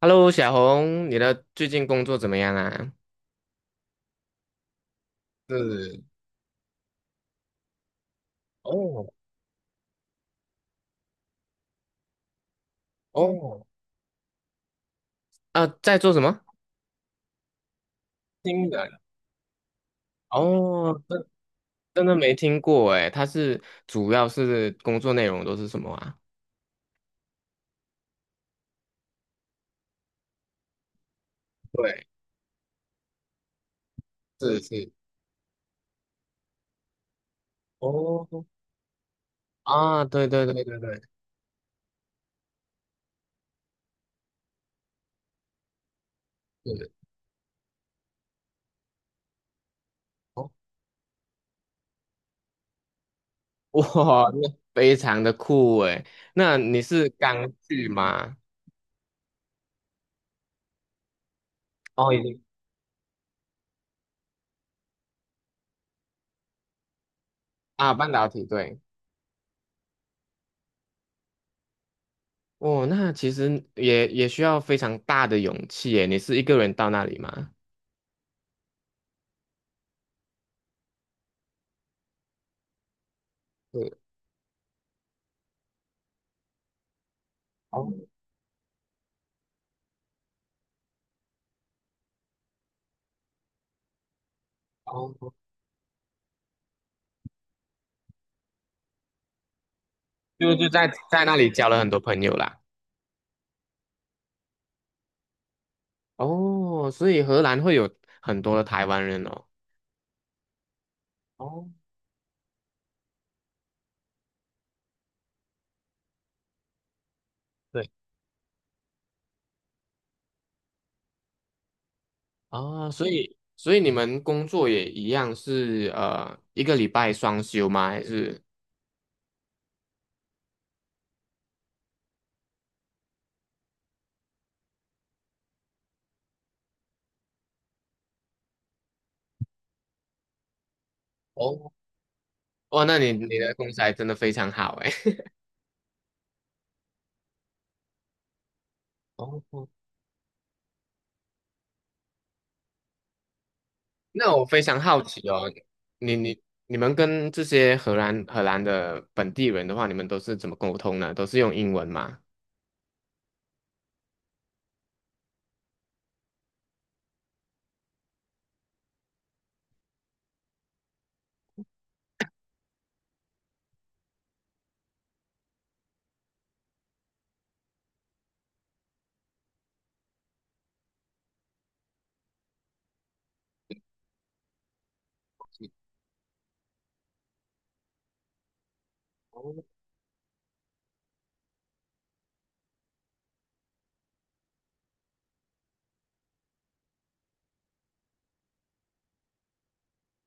Hello，小红，你的最近工作怎么样啊？是哦哦，啊，在做什么？新人哦，真的没听过哎。它是主要是工作内容都是什么啊？对，是是哦，啊，对对对，对对对，是哦，哇，那非常的酷哎。那你是刚去吗？哦，已经啊，半导体，对。哦，那其实也需要非常大的勇气诶。你是一个人到那里吗？哦哦，就在那里交了很多朋友啦。哦，所以荷兰会有很多的台湾人哦。哦，对，啊，所以你们工作也一样是一个礼拜双休吗？还是？哦哇，那你的公司还真的非常好诶。哦，那我非常好奇哦，你们跟这些荷兰的本地人的话，你们都是怎么沟通呢？都是用英文吗？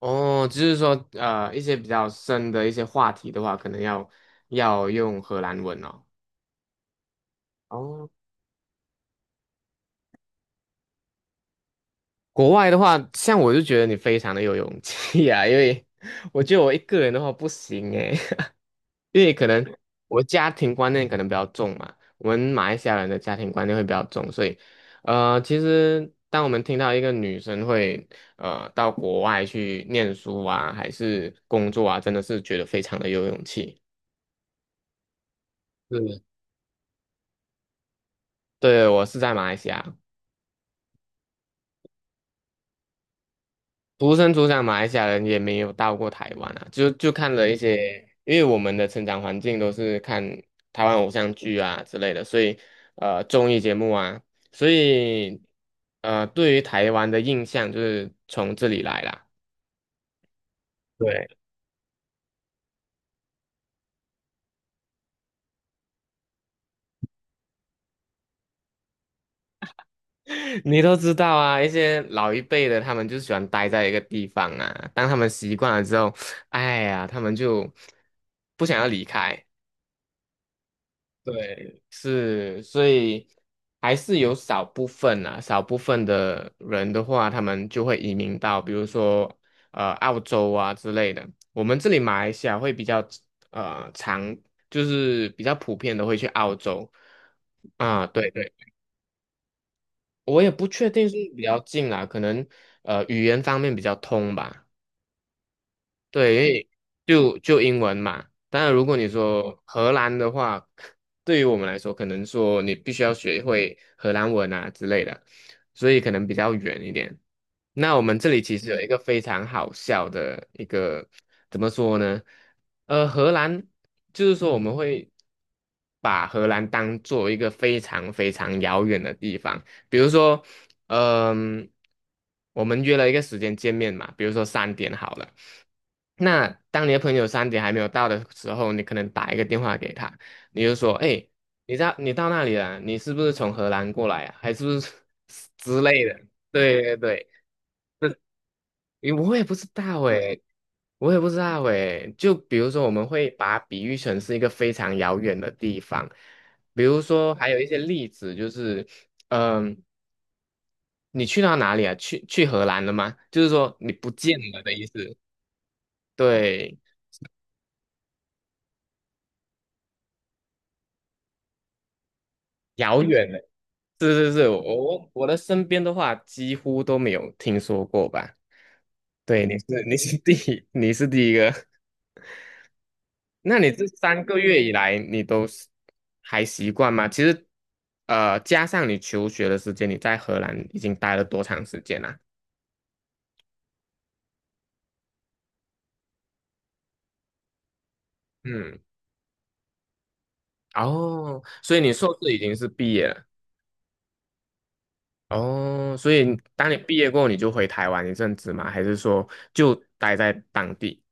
哦，就是说，一些比较深的一些话题的话，可能要用荷兰文哦。哦，国外的话，像我就觉得你非常的有勇气啊，因为我觉得我一个人的话不行诶，因为可能我家庭观念可能比较重嘛，我们马来西亚人的家庭观念会比较重，所以，其实当我们听到一个女生会到国外去念书啊，还是工作啊，真的是觉得非常的有勇气。是，对，我是在马来西亚。土生土长马来西亚人也没有到过台湾啊，就看了一些，因为我们的成长环境都是看台湾偶像剧啊之类的，所以综艺节目啊，所以对于台湾的印象就是从这里来啦。对，你都知道啊，一些老一辈的他们就喜欢待在一个地方啊，当他们习惯了之后，哎呀，他们就不想要离开，对，是，所以还是有少部分啊，少部分的人的话，他们就会移民到，比如说澳洲啊之类的。我们这里马来西亚会比较常，就是比较普遍的会去澳洲啊，对对，我也不确定是比较近啊，可能语言方面比较通吧。对，因为就英文嘛。当然，如果你说荷兰的话，对于我们来说，可能说你必须要学会荷兰文啊之类的，所以可能比较远一点。那我们这里其实有一个非常好笑的一个，怎么说呢？呃，荷兰就是说我们会把荷兰当做一个非常非常遥远的地方，比如说嗯，我们约了一个时间见面嘛，比如说三点好了。那当你的朋友三点还没有到的时候，你可能打一个电话给他，你就说：“哎，你到那里了？你是不是从荷兰过来啊？还是不是 之类的？”对对对，因为我也不知道哎，我也不知道哎。就比如说，我们会把它比喻成是一个非常遥远的地方，比如说还有一些例子就是，嗯。你去到哪里啊？去荷兰了吗？就是说你不见了的意思。对，遥远了。是是是，我的身边的话几乎都没有听说过吧？对，你是第一，你是第一个。那你这3个月以来，你都是还习惯吗？其实，加上你求学的时间，你在荷兰已经待了多长时间啦？嗯，哦，所以你硕士已经是毕业了。哦，所以当你毕业过后，你就回台湾一阵子吗？还是说就待在当地？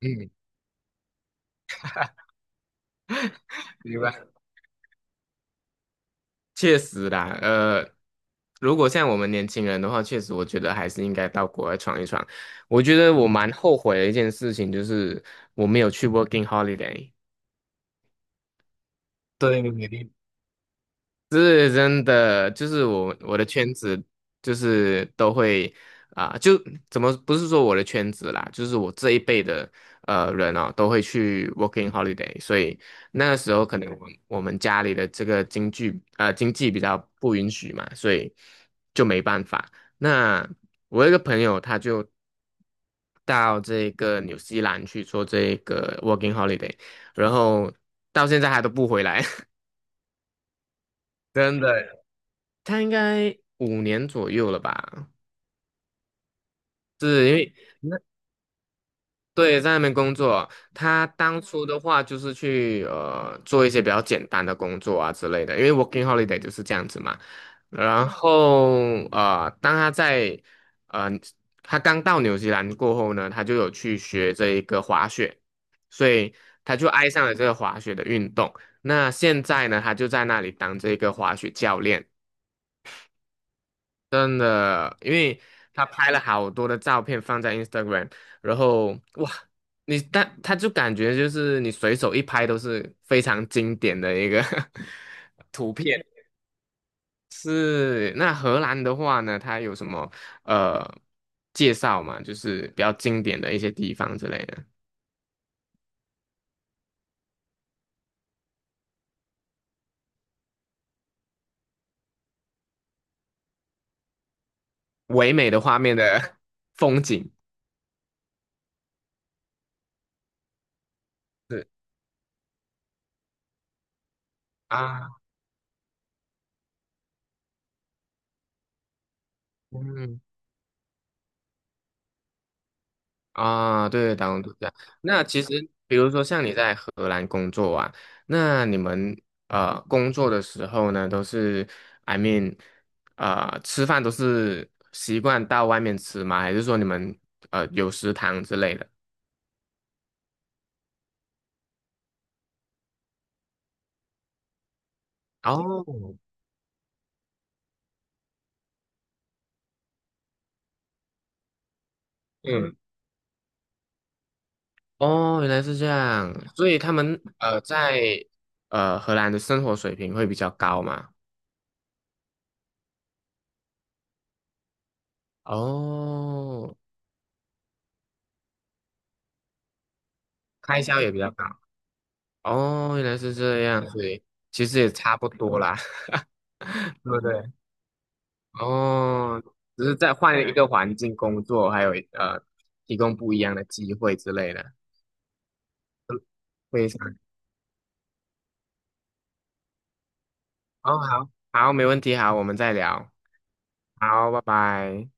嗯，明白。确实啦，如果像我们年轻人的话，确实我觉得还是应该到国外闯一闯。我觉得我蛮后悔的一件事情就是我没有去 working holiday。对，是真的，就是我的圈子就是都会啊、就怎么不是说我的圈子啦，就是我这一辈的人哦，都会去 working holiday，所以那个时候可能我们家里的这个经济比较不允许嘛，所以就没办法。那我有一个朋友他就到这个纽西兰去做这个 working holiday，然后到现在还都不回来，真的。他应该5年左右了吧？是因为对在那边工作，他当初的话就是去做一些比较简单的工作啊之类的，因为 working holiday 就是这样子嘛。然后当他在呃他刚到纽西兰过后呢，他就有去学这一个滑雪，所以他就爱上了这个滑雪的运动。那现在呢，他就在那里当这个滑雪教练。真的，因为他拍了好多的照片放在 Instagram，然后哇，但他就感觉就是你随手一拍都是非常经典的一个 图片。是，那荷兰的话呢，它有什么呃介绍嘛？就是比较经典的一些地方之类的，唯美的画面的 风景。是啊，嗯。啊，对，打工度假。那其实，比如说像你在荷兰工作啊，那你们工作的时候呢，都是，I mean，吃饭都是习惯到外面吃吗？还是说你们有食堂之类的？哦，嗯，哦，原来是这样，所以他们在荷兰的生活水平会比较高嘛？哦，开销也比较高。哦，原来是这样，所以其实也差不多啦，对不对？哦，只是在换一个环境工作，还有提供不一样的机会之类的，嗯非常，哦，好，好，没问题，好，我们再聊，好，拜拜。